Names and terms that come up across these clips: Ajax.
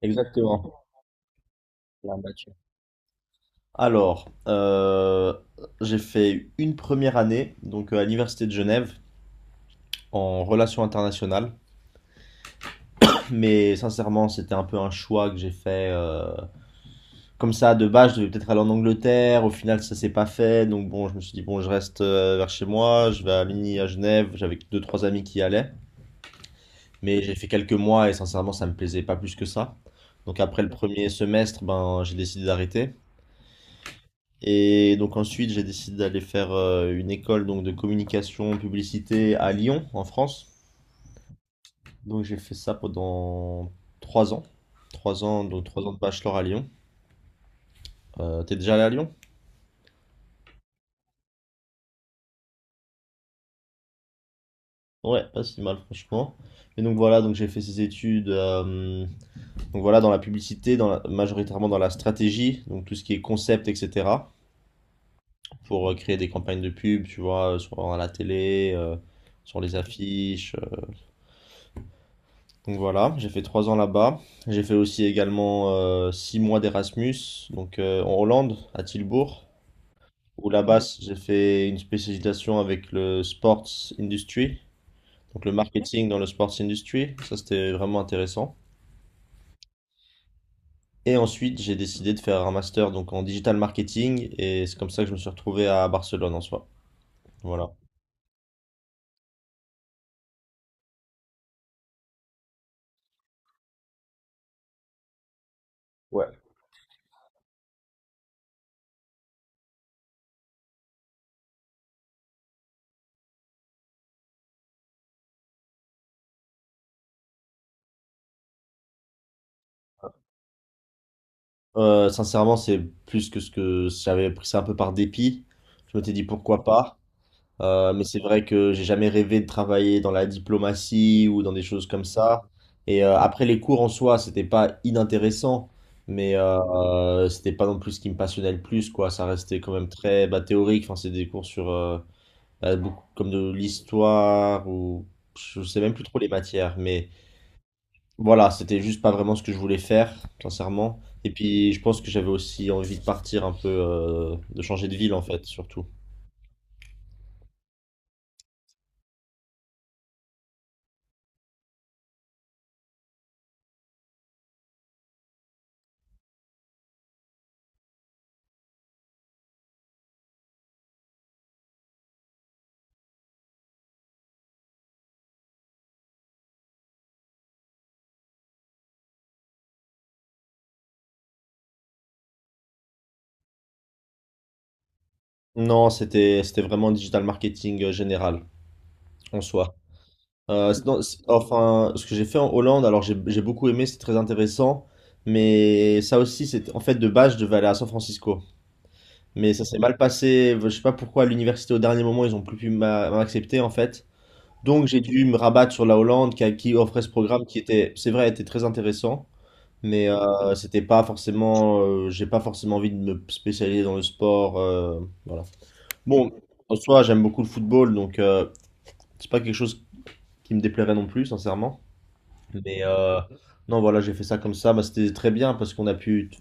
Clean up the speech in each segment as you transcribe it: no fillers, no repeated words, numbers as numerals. Exactement, l'armature. Alors, j'ai fait une première année, donc à l'université de Genève, en relations internationales. Mais sincèrement, c'était un peu un choix que j'ai fait comme ça. De base, je devais peut-être aller en Angleterre. Au final, ça s'est pas fait. Donc bon, je me suis dit, bon, je reste vers chez moi. Je vais à Mini, à Genève. J'avais deux, trois amis qui y allaient. Mais j'ai fait quelques mois et sincèrement, ça me plaisait pas plus que ça. Donc après le premier semestre, ben, j'ai décidé d'arrêter. Et donc ensuite, j'ai décidé d'aller faire une école donc de communication publicité à Lyon, en France. Donc j'ai fait ça pendant 3 ans. Trois ans, donc 3 ans de bachelor à Lyon. T'es déjà allé à Lyon? Ouais, pas si mal franchement. Et donc voilà, donc j'ai fait ces études, donc voilà, dans la publicité, majoritairement dans la stratégie, donc tout ce qui est concept, etc., pour créer des campagnes de pub, tu vois, sur à la télé, sur les affiches. Donc voilà, j'ai fait 3 ans là-bas. J'ai fait aussi également 6 mois d'Erasmus, donc en Hollande, à Tilbourg, où là-bas j'ai fait une spécialisation avec le sports industry, donc le marketing dans le sports industry. Ça c'était vraiment intéressant. Et ensuite j'ai décidé de faire un master donc en digital marketing et c'est comme ça que je me suis retrouvé à Barcelone en soi. Voilà. Ouais. Sincèrement, c'est plus que ce que j'avais pris ça un peu par dépit. Je m'étais dit pourquoi pas. Mais c'est vrai que j'ai jamais rêvé de travailler dans la diplomatie ou dans des choses comme ça. Et après les cours en soi, c'était pas inintéressant, mais c'était pas non plus ce qui me passionnait le plus, quoi. Ça restait quand même très bah, théorique. Enfin, c'est des cours sur, bah, beaucoup comme de l'histoire ou je sais même plus trop les matières, mais voilà, c'était juste pas vraiment ce que je voulais faire, sincèrement. Et puis je pense que j'avais aussi envie de partir un peu, de changer de ville en fait, surtout. Non, c'était vraiment digital marketing général en soi. Non, enfin, ce que j'ai fait en Hollande, alors j'ai beaucoup aimé, c'est très intéressant, mais ça aussi, c'est, en fait, de base, je devais aller à San Francisco, mais ça s'est mal passé. Je sais pas pourquoi, à l'université, au dernier moment, ils ont plus pu m'accepter en fait. Donc j'ai dû me rabattre sur la Hollande qui offrait ce programme qui était, c'est vrai, était très intéressant, mais c'était pas forcément, j'ai pas forcément envie de me spécialiser dans le sport, voilà. Bon, en soi, j'aime beaucoup le football, donc c'est pas quelque chose qui me déplairait non plus, sincèrement. Mais non, voilà, j'ai fait ça comme ça. Bah, c'était très bien parce qu'on a pu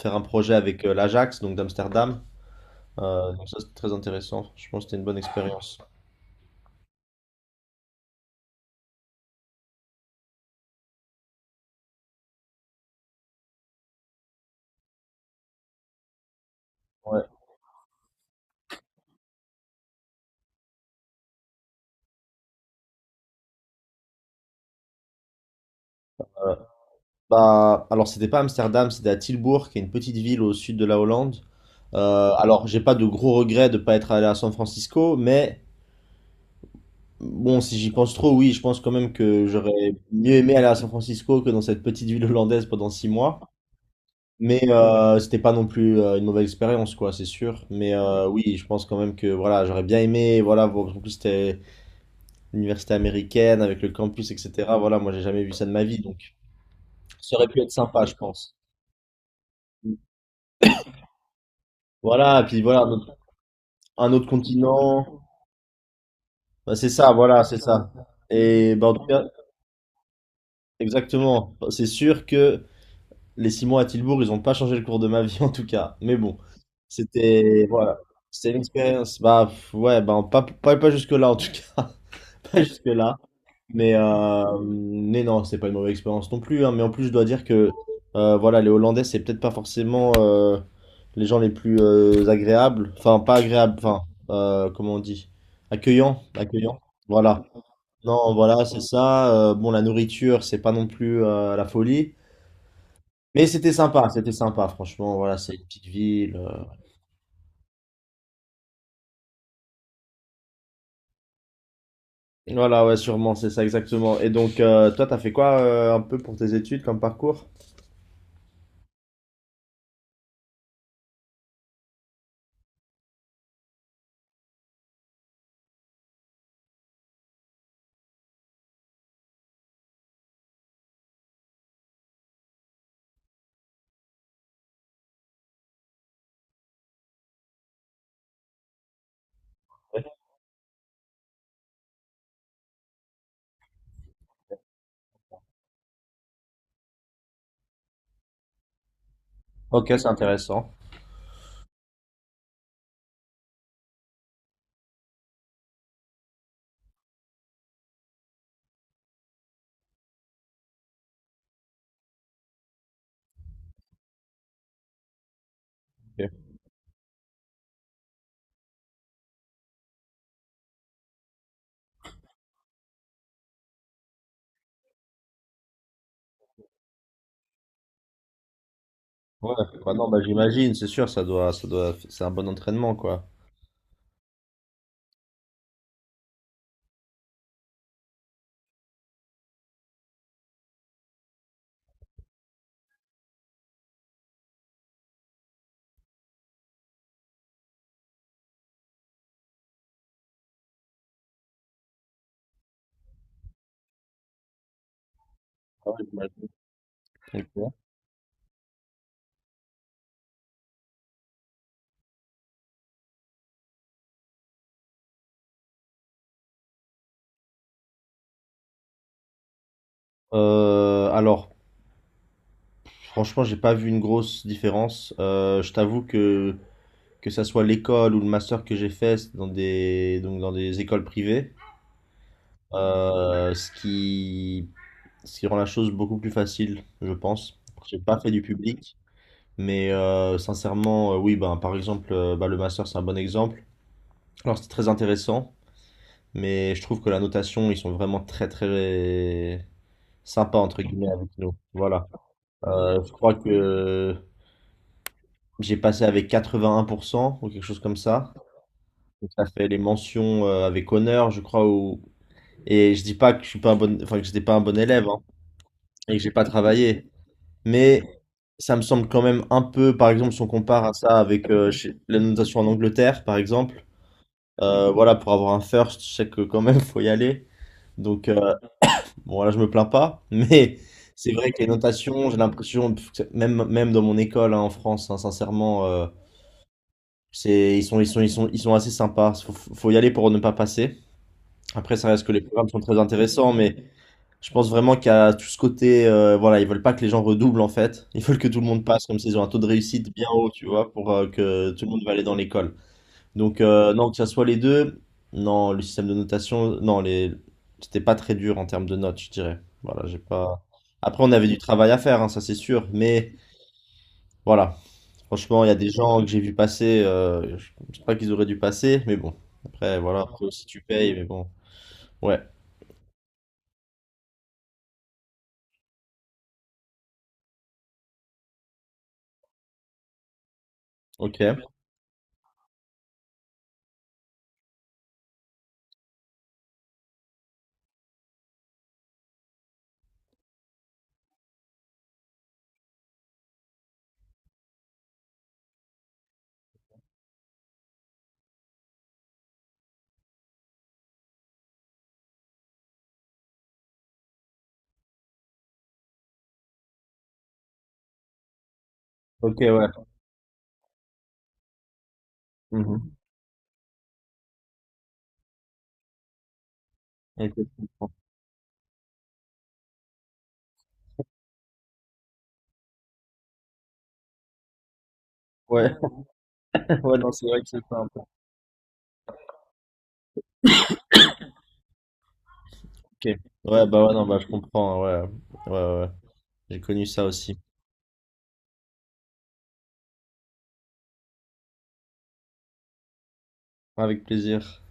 faire un projet avec, l'Ajax, donc d'Amsterdam. Donc ça, c'était très intéressant. Je pense que c'était une bonne expérience. Ouais. Bah, alors, c'était pas Amsterdam, c'était à Tilburg, qui est une petite ville au sud de la Hollande. Alors, j'ai pas de gros regrets de pas être allé à San Francisco, mais bon, si j'y pense trop, oui, je pense quand même que j'aurais mieux aimé aller à San Francisco que dans cette petite ville hollandaise pendant 6 mois. Mais c'était pas non plus une mauvaise expérience, quoi, c'est sûr. Mais oui, je pense quand même que voilà, j'aurais bien aimé, voilà, en plus c'était l'université américaine avec le campus, etc. Voilà, moi j'ai jamais vu ça de ma vie, donc ça aurait pu être sympa, je pense. Voilà, et puis voilà, un autre continent. Bah, c'est ça, voilà, c'est ça. Et bah, en tout cas, exactement, c'est sûr que les 6 mois à Tilbourg, ils ont pas changé le cours de ma vie en tout cas. Mais bon, c'était, voilà, c'était une expérience, bah pff, ouais, bah pas jusque-là en tout cas. Jusque-là. Mais non, c'est pas une mauvaise expérience non plus, hein. Mais en plus, je dois dire que, voilà, les Hollandais, c'est peut-être pas forcément les gens les plus agréables. Enfin, pas agréables, enfin, comment on dit? Accueillants, accueillants. Voilà. Non, voilà, c'est ça. Bon, la nourriture, c'est pas non plus, la folie. Mais c'était sympa, franchement. Voilà, c'est une petite ville. Voilà, ouais, sûrement, c'est ça exactement. Et donc, toi, t'as fait quoi un peu pour tes études comme parcours? Ouais. Ok, c'est intéressant. Ouais, bah non, bah j'imagine, c'est sûr, ça doit, c'est un bon entraînement, quoi. Ah ouais, j'imagine. Ok. Alors, franchement, j'ai pas vu une grosse différence. Je t'avoue que ça soit l'école ou le master que j'ai fait, c'est dans des donc dans des écoles privées, ce qui rend la chose beaucoup plus facile, je pense. J'ai pas fait du public, mais sincèrement, oui, ben par exemple, le master c'est un bon exemple. Alors c'était très intéressant. Mais je trouve que la notation, ils sont vraiment très très sympas entre guillemets avec nous. Voilà. Je crois que j'ai passé avec 81% ou quelque chose comme ça. Donc ça fait les mentions, avec honneur, je crois. Ou... Et je dis pas que je suis pas un bon, enfin que j'étais pas un bon élève, hein, et que j'ai pas travaillé. Mais ça me semble quand même un peu, par exemple, si on compare à ça avec, la notation en Angleterre, par exemple. Voilà, pour avoir un first, je sais que quand même faut y aller. Donc bon, là, je me plains pas, mais c'est vrai que les notations, j'ai l'impression, pff, que même, même dans mon école, hein, en France, hein, sincèrement, c'est, ils sont assez sympas. Faut y aller pour ne pas passer. Après, ça reste que les programmes sont très intéressants, mais je pense vraiment qu'il y a tout ce côté, voilà, ils veulent pas que les gens redoublent en fait. Ils veulent que tout le monde passe, comme s'ils ont un taux de réussite bien haut, tu vois, pour que tout le monde va aller dans l'école. Donc, non, que ça soit les deux, non, le système de notation, non, les... c'était pas très dur en termes de notes, je dirais. Voilà, j'ai pas. Après, on avait du travail à faire, hein, ça c'est sûr, mais voilà, franchement, il y a des gens que j'ai vu passer, je sais pas qu'ils auraient dû passer, mais bon, après, voilà, après aussi tu payes, mais bon, ouais, ok, ok, ouais. Mhm. Ok, je comprends. Ouais, ouais, non, c'est vrai que c'est pas un peu. Ok, ouais, bah ouais, non, bah je comprends, hein, ouais, ouais, ouais, ouais. J'ai connu ça aussi, avec plaisir.